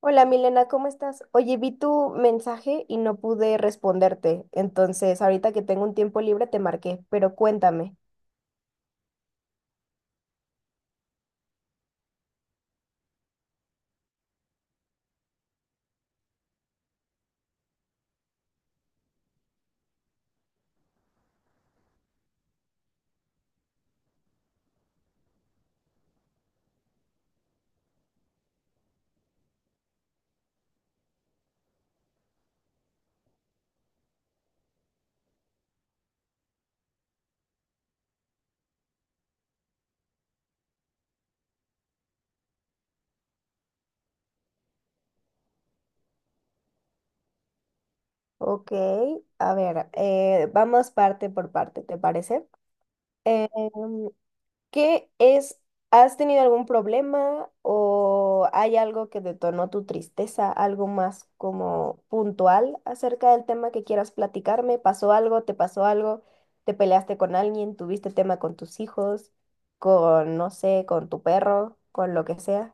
Hola Milena, ¿cómo estás? Oye, vi tu mensaje y no pude responderte, entonces ahorita que tengo un tiempo libre te marqué, pero cuéntame. Ok, a ver, vamos parte por parte, ¿te parece? Eh, ¿Qué es? ¿Has tenido algún problema o hay algo que detonó tu tristeza? ¿Algo más como puntual acerca del tema que quieras platicarme? ¿Pasó algo? ¿Te pasó algo? ¿Te peleaste con alguien? ¿Tuviste tema con tus hijos? ¿Con, no sé, con tu perro? ¿Con lo que sea?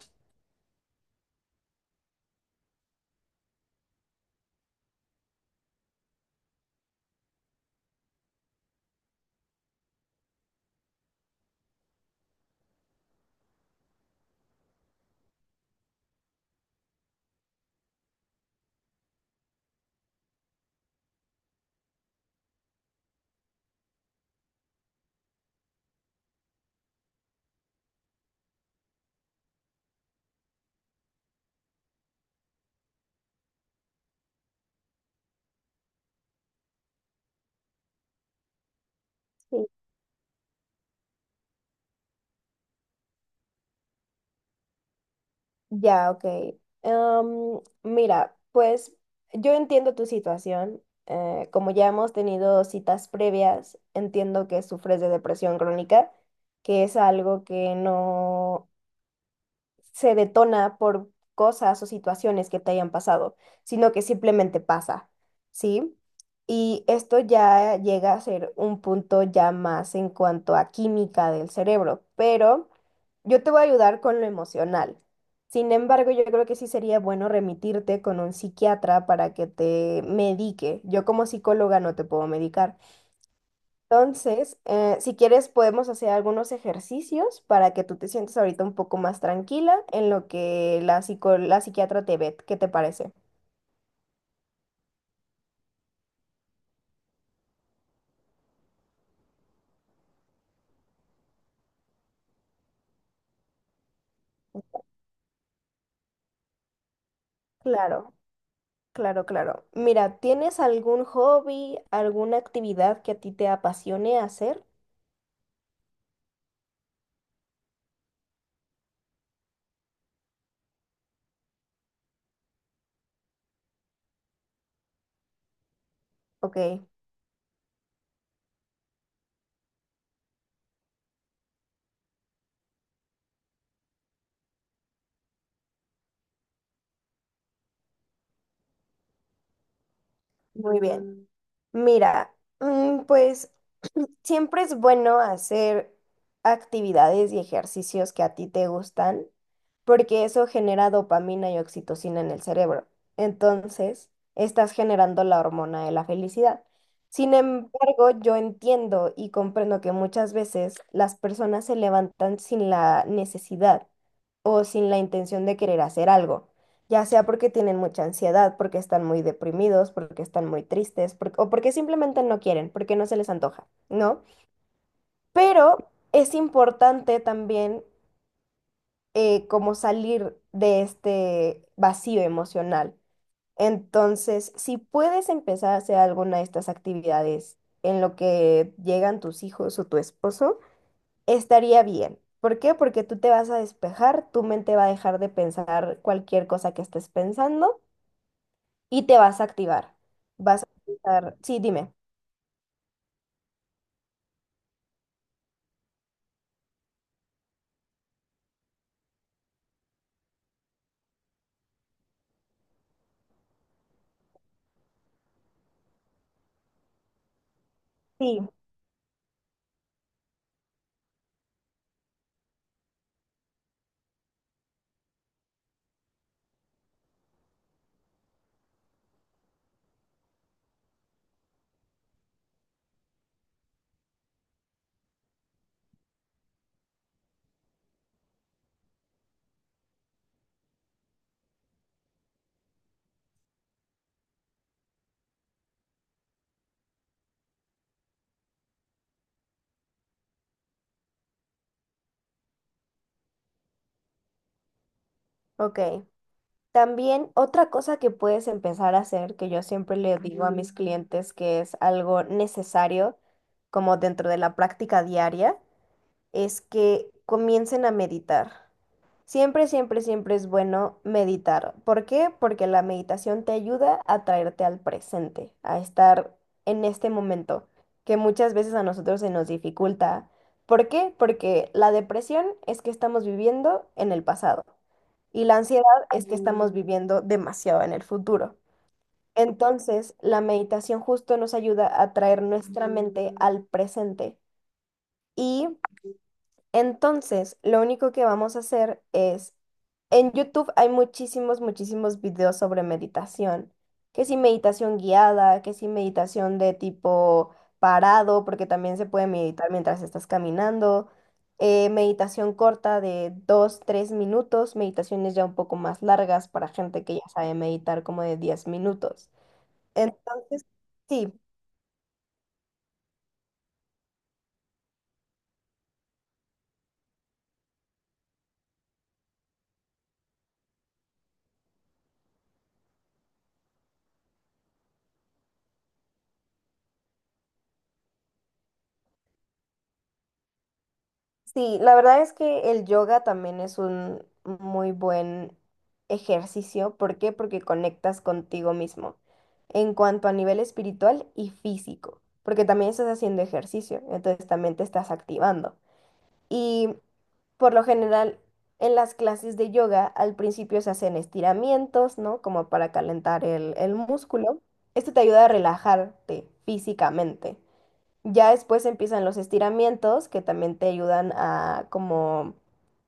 Ya, ok. Mira, pues yo entiendo tu situación. Como ya hemos tenido citas previas, entiendo que sufres de depresión crónica, que es algo que no se detona por cosas o situaciones que te hayan pasado, sino que simplemente pasa, ¿sí? Y esto ya llega a ser un punto ya más en cuanto a química del cerebro, pero yo te voy a ayudar con lo emocional. Sin embargo, yo creo que sí sería bueno remitirte con un psiquiatra para que te medique. Yo como psicóloga no te puedo medicar. Entonces, si quieres, podemos hacer algunos ejercicios para que tú te sientas ahorita un poco más tranquila en lo que la la psiquiatra te ve. ¿Qué te parece? Claro, claro, claro. Mira, ¿tienes algún hobby, alguna actividad que a ti te apasione hacer? Ok, muy bien. Mira, pues siempre es bueno hacer actividades y ejercicios que a ti te gustan, porque eso genera dopamina y oxitocina en el cerebro. Entonces, estás generando la hormona de la felicidad. Sin embargo, yo entiendo y comprendo que muchas veces las personas se levantan sin la necesidad o sin la intención de querer hacer algo, ya sea porque tienen mucha ansiedad, porque están muy deprimidos, porque están muy tristes, o porque simplemente no quieren, porque no se les antoja, ¿no? Pero es importante también como salir de este vacío emocional. Entonces, si puedes empezar a hacer alguna de estas actividades en lo que llegan tus hijos o tu esposo, estaría bien. ¿Por qué? Porque tú te vas a despejar, tu mente va a dejar de pensar cualquier cosa que estés pensando y te vas a activar. Vas a pensar, sí, dime. Sí, ok. También otra cosa que puedes empezar a hacer, que yo siempre le digo a mis clientes que es algo necesario, como dentro de la práctica diaria, es que comiencen a meditar. Siempre, siempre, siempre es bueno meditar. ¿Por qué? Porque la meditación te ayuda a traerte al presente, a estar en este momento, que muchas veces a nosotros se nos dificulta. ¿Por qué? Porque la depresión es que estamos viviendo en el pasado y la ansiedad es que estamos viviendo demasiado en el futuro. Entonces, la meditación justo nos ayuda a traer nuestra mente al presente. Y entonces, lo único que vamos a hacer es, en YouTube hay muchísimos, muchísimos videos sobre meditación, que si meditación guiada, que si meditación de tipo parado, porque también se puede meditar mientras estás caminando, meditación corta de 2, 3 minutos, meditaciones ya un poco más largas para gente que ya sabe meditar como de 10 minutos. Entonces, sí. Sí, la verdad es que el yoga también es un muy buen ejercicio. ¿Por qué? Porque conectas contigo mismo en cuanto a nivel espiritual y físico, porque también estás haciendo ejercicio, entonces también te estás activando. Y por lo general, en las clases de yoga al principio se hacen estiramientos, ¿no? Como para calentar el músculo. Esto te ayuda a relajarte físicamente. Ya después empiezan los estiramientos que también te ayudan a como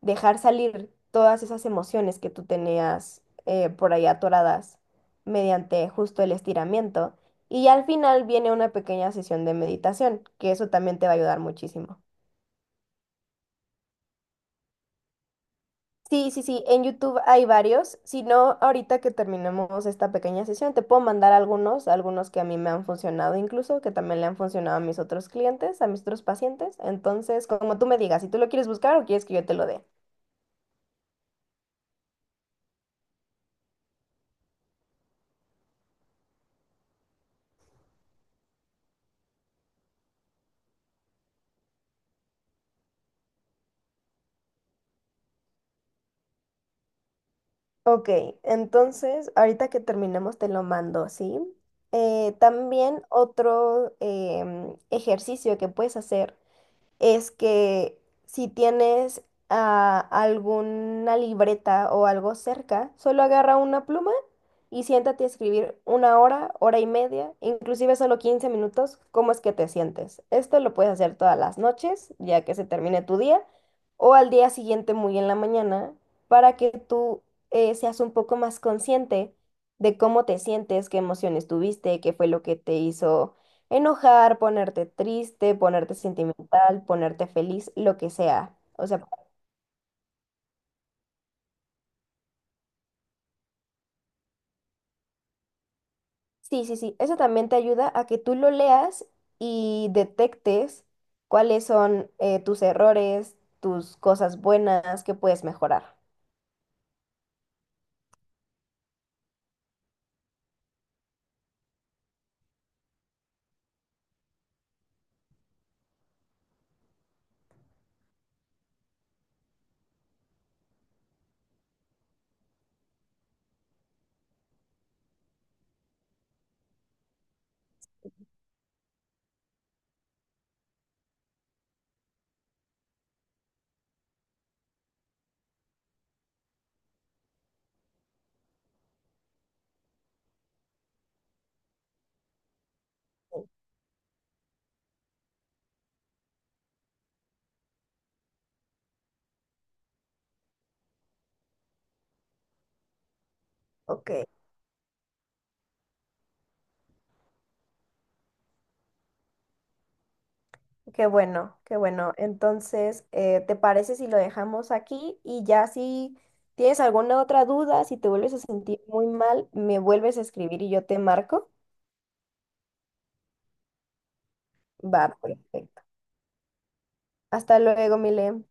dejar salir todas esas emociones que tú tenías por ahí atoradas mediante justo el estiramiento. Y al final viene una pequeña sesión de meditación, que eso también te va a ayudar muchísimo. Sí, sí, sí, en YouTube hay varios. Si no, ahorita que terminemos esta pequeña sesión, te puedo mandar algunos, algunos que a mí me han funcionado incluso, que también le han funcionado a mis otros clientes, a mis otros pacientes. Entonces, como tú me digas, si tú lo quieres buscar o quieres que yo te lo dé. Ok, entonces, ahorita que terminemos te lo mando, ¿sí? También otro ejercicio que puedes hacer es que si tienes alguna libreta o algo cerca, solo agarra una pluma y siéntate a escribir una hora, hora y media, inclusive solo 15 minutos, cómo es que te sientes. Esto lo puedes hacer todas las noches, ya que se termine tu día, o al día siguiente muy en la mañana, para que tú seas un poco más consciente de cómo te sientes, qué emociones tuviste, qué fue lo que te hizo enojar, ponerte triste, ponerte sentimental, ponerte feliz, lo que sea. O sea, sí, sí, sí. Eso también te ayuda a que tú lo leas y detectes cuáles son tus errores, tus cosas buenas que puedes mejorar. Ok, qué bueno, qué bueno. Entonces, ¿te parece si lo dejamos aquí? Y ya si tienes alguna otra duda, si te vuelves a sentir muy mal, me vuelves a escribir y yo te marco. Va, perfecto. Hasta luego, Mile.